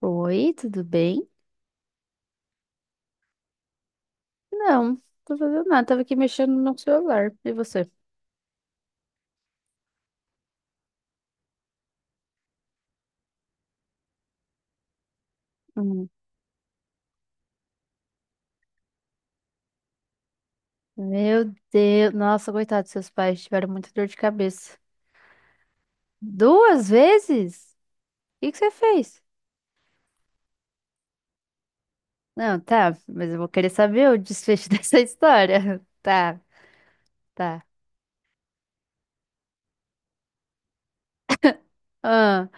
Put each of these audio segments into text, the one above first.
Oi, tudo bem? Não, tô fazendo nada. Tava aqui mexendo no celular. E você? Hum. Meu Deus. Nossa, coitado, seus pais tiveram muita dor de cabeça. Duas vezes? O que que você fez? Não, tá, mas eu vou querer saber o desfecho dessa história. Tá, tá. Ah,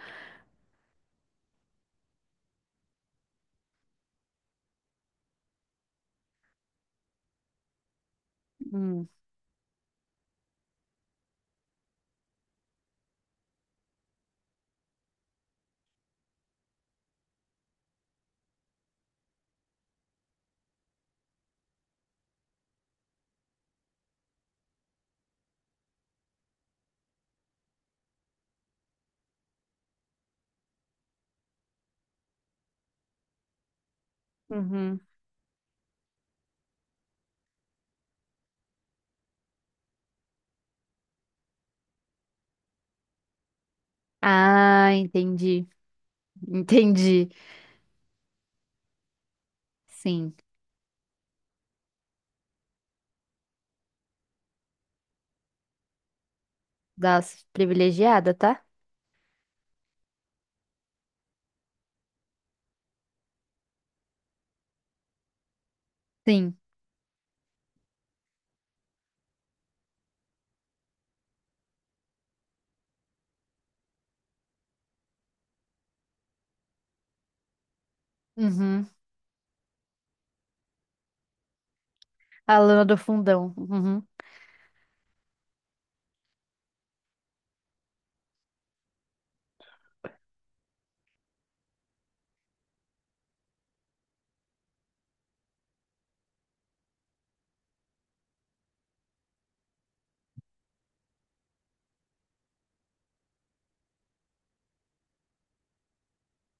hum, uhum. Ah, entendi. Entendi. Sim, das privilegiada, tá? Sim. Uhum. A lona do fundão. Uhum.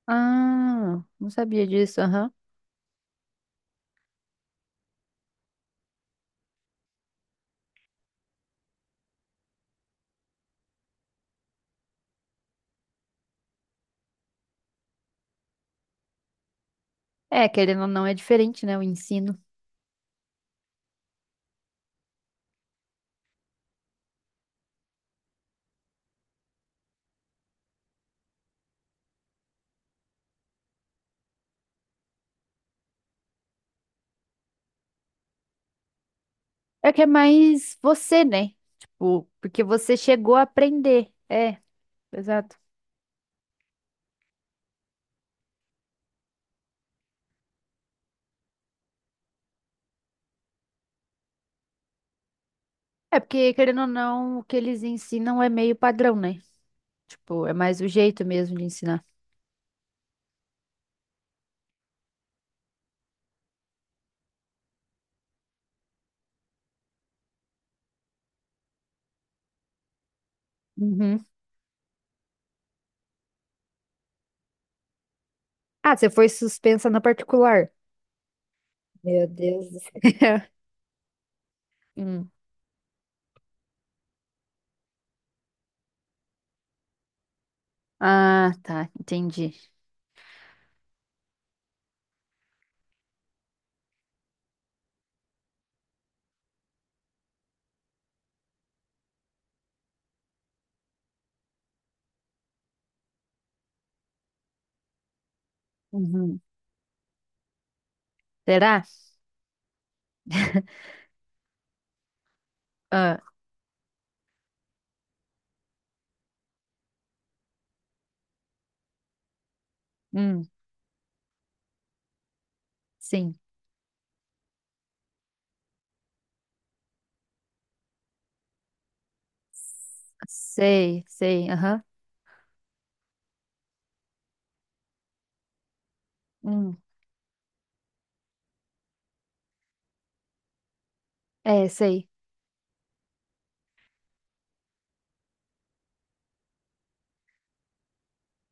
Ah, não sabia disso, aham. É, querendo ou não, é diferente, né, o ensino. É que é mais você, né? Tipo, porque você chegou a aprender. É, exato. É porque, querendo ou não, o que eles ensinam é meio padrão, né? Tipo, é mais o jeito mesmo de ensinar. Uhum. Ah, você foi suspensa na particular. Meu Deus do céu. Hum. Ah, tá, entendi. Uhum. Será? Ah, hum, sim. Sei, sei, aham. Hum, é, sei.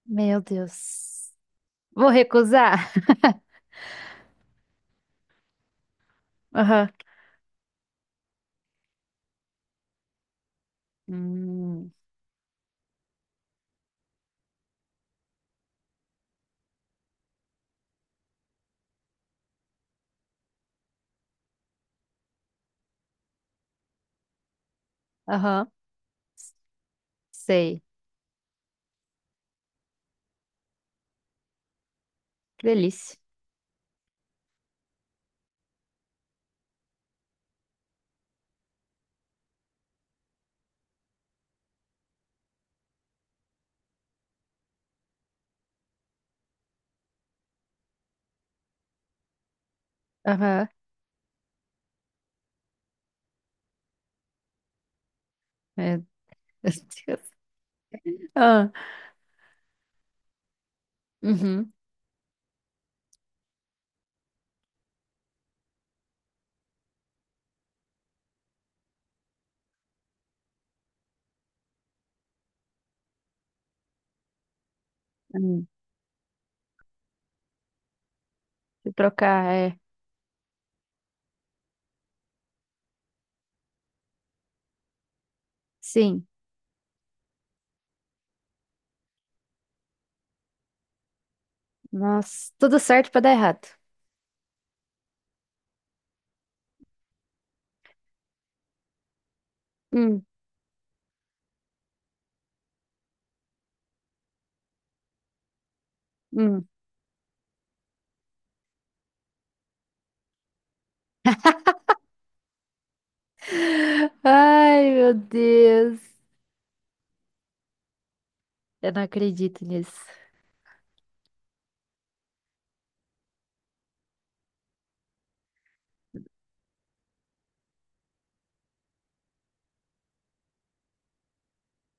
Meu Deus. Vou recusar. Aham. Hum, aham, sei. Que delícia. Aham. Meu Deus. Ah, uhum. Hum. Se trocar, é. Sim. Nossa, tudo certo pra dar errado. Hum, hum. Ai, meu Deus. Eu não acredito nisso.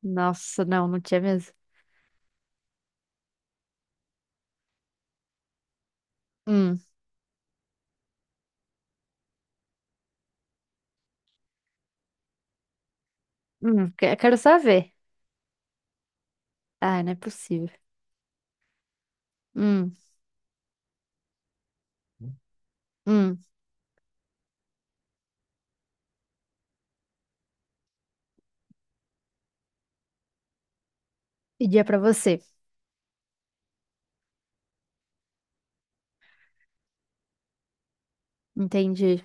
Nossa, não, não tinha mesmo. Hum, Quero só ver. Ai, não é possível. Hum, hum. Pedia pra você. Entendi.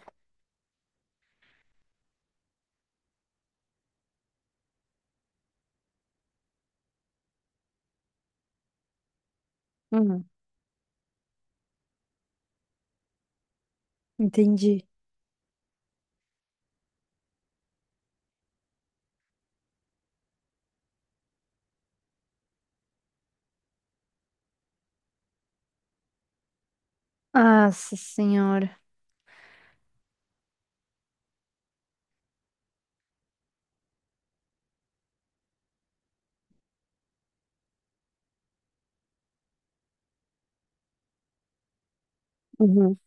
Uhum, entendi. Nossa senhora. Uhum,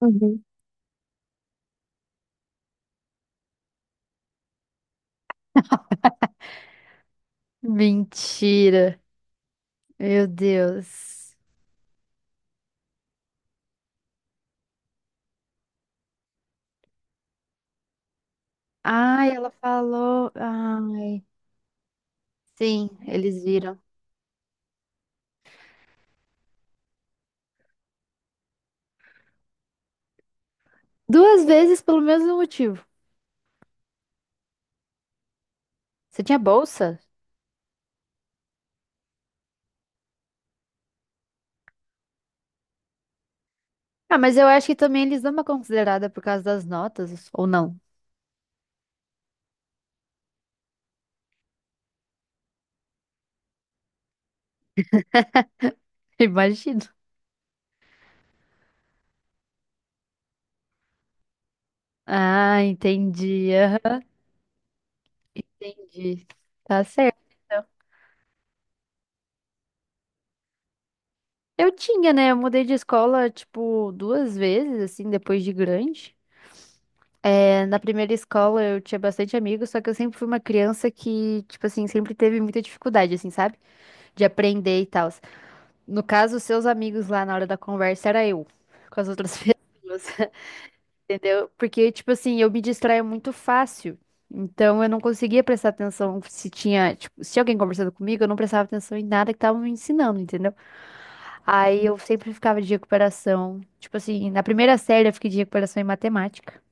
uhum. Mentira. Meu Deus. Ai, ela falou. Ah, sim, eles viram. Duas vezes pelo mesmo motivo. Você tinha bolsa? Ah, mas eu acho que também eles dão uma considerada por causa das notas, ou não? Imagino. Ah, entendi. Aham, entendi. Tá certo. Eu tinha, né? Eu mudei de escola, tipo, duas vezes, assim, depois de grande. É, na primeira escola eu tinha bastante amigos, só que eu sempre fui uma criança que, tipo assim, sempre teve muita dificuldade, assim, sabe? De aprender e tal. No caso, os seus amigos lá na hora da conversa era eu, com as outras pessoas, entendeu? Porque, tipo assim, eu me distraía muito fácil. Então eu não conseguia prestar atenção se tinha, tipo, se tinha alguém conversando comigo, eu não prestava atenção em nada que estavam me ensinando, entendeu? Aí eu sempre ficava de recuperação. Tipo assim, na primeira série eu fiquei de recuperação em matemática.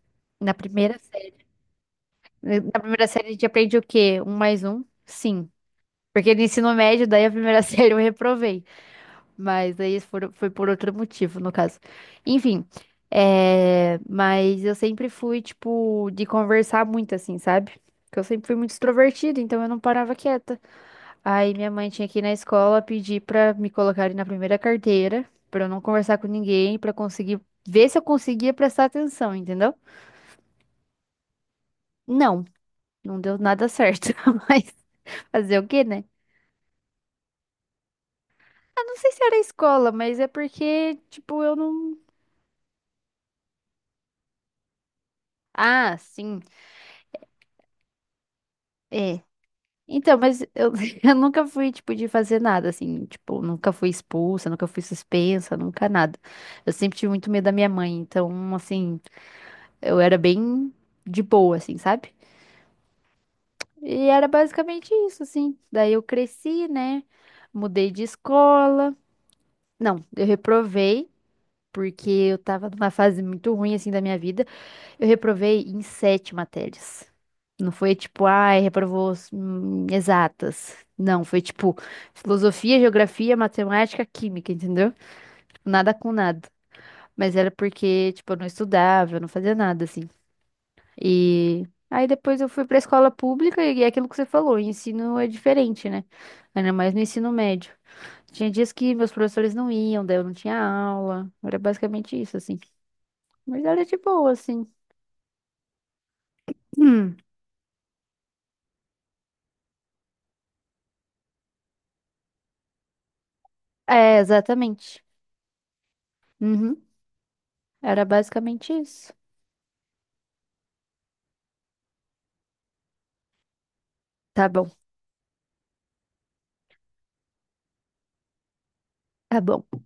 Na primeira série. Na primeira série a gente aprende o quê? Um mais um? Sim. Porque no ensino médio, daí a primeira série eu reprovei. Mas aí foi por outro motivo, no caso. Enfim. Mas eu sempre fui, tipo, de conversar muito, assim, sabe? Porque eu sempre fui muito extrovertida, então eu não parava quieta. Aí minha mãe tinha que ir na escola pedir pra me colocarem na primeira carteira, pra eu não conversar com ninguém, pra conseguir ver se eu conseguia prestar atenção, entendeu? Não, não deu nada certo, mas fazer o quê, né? Ah, não sei se era a escola, mas é porque, tipo, eu não. Ah, sim, é. Então, mas eu, eu nunca fui, tipo, de fazer nada, assim, tipo, nunca fui expulsa, nunca fui suspensa, nunca nada. Eu sempre tive muito medo da minha mãe, então, assim, eu era bem de boa, assim, sabe? E era basicamente isso, assim. Daí eu cresci, né? Mudei de escola. Não, eu reprovei, porque eu tava numa fase muito ruim, assim, da minha vida. Eu reprovei em sete matérias. Não foi tipo, ai, reprovou exatas. Não, foi tipo filosofia, geografia, matemática, química, entendeu? Nada com nada. Mas era porque, tipo, eu não estudava, eu não fazia nada, assim. E aí depois eu fui pra escola pública e é aquilo que você falou, o ensino é diferente, né? Ainda mais no ensino médio. Tinha dias que meus professores não iam, daí eu não tinha aula. Era basicamente isso, assim. Mas era de boa, assim. Hum, é, exatamente. Uhum. Era basicamente isso. Tá bom, tá bom.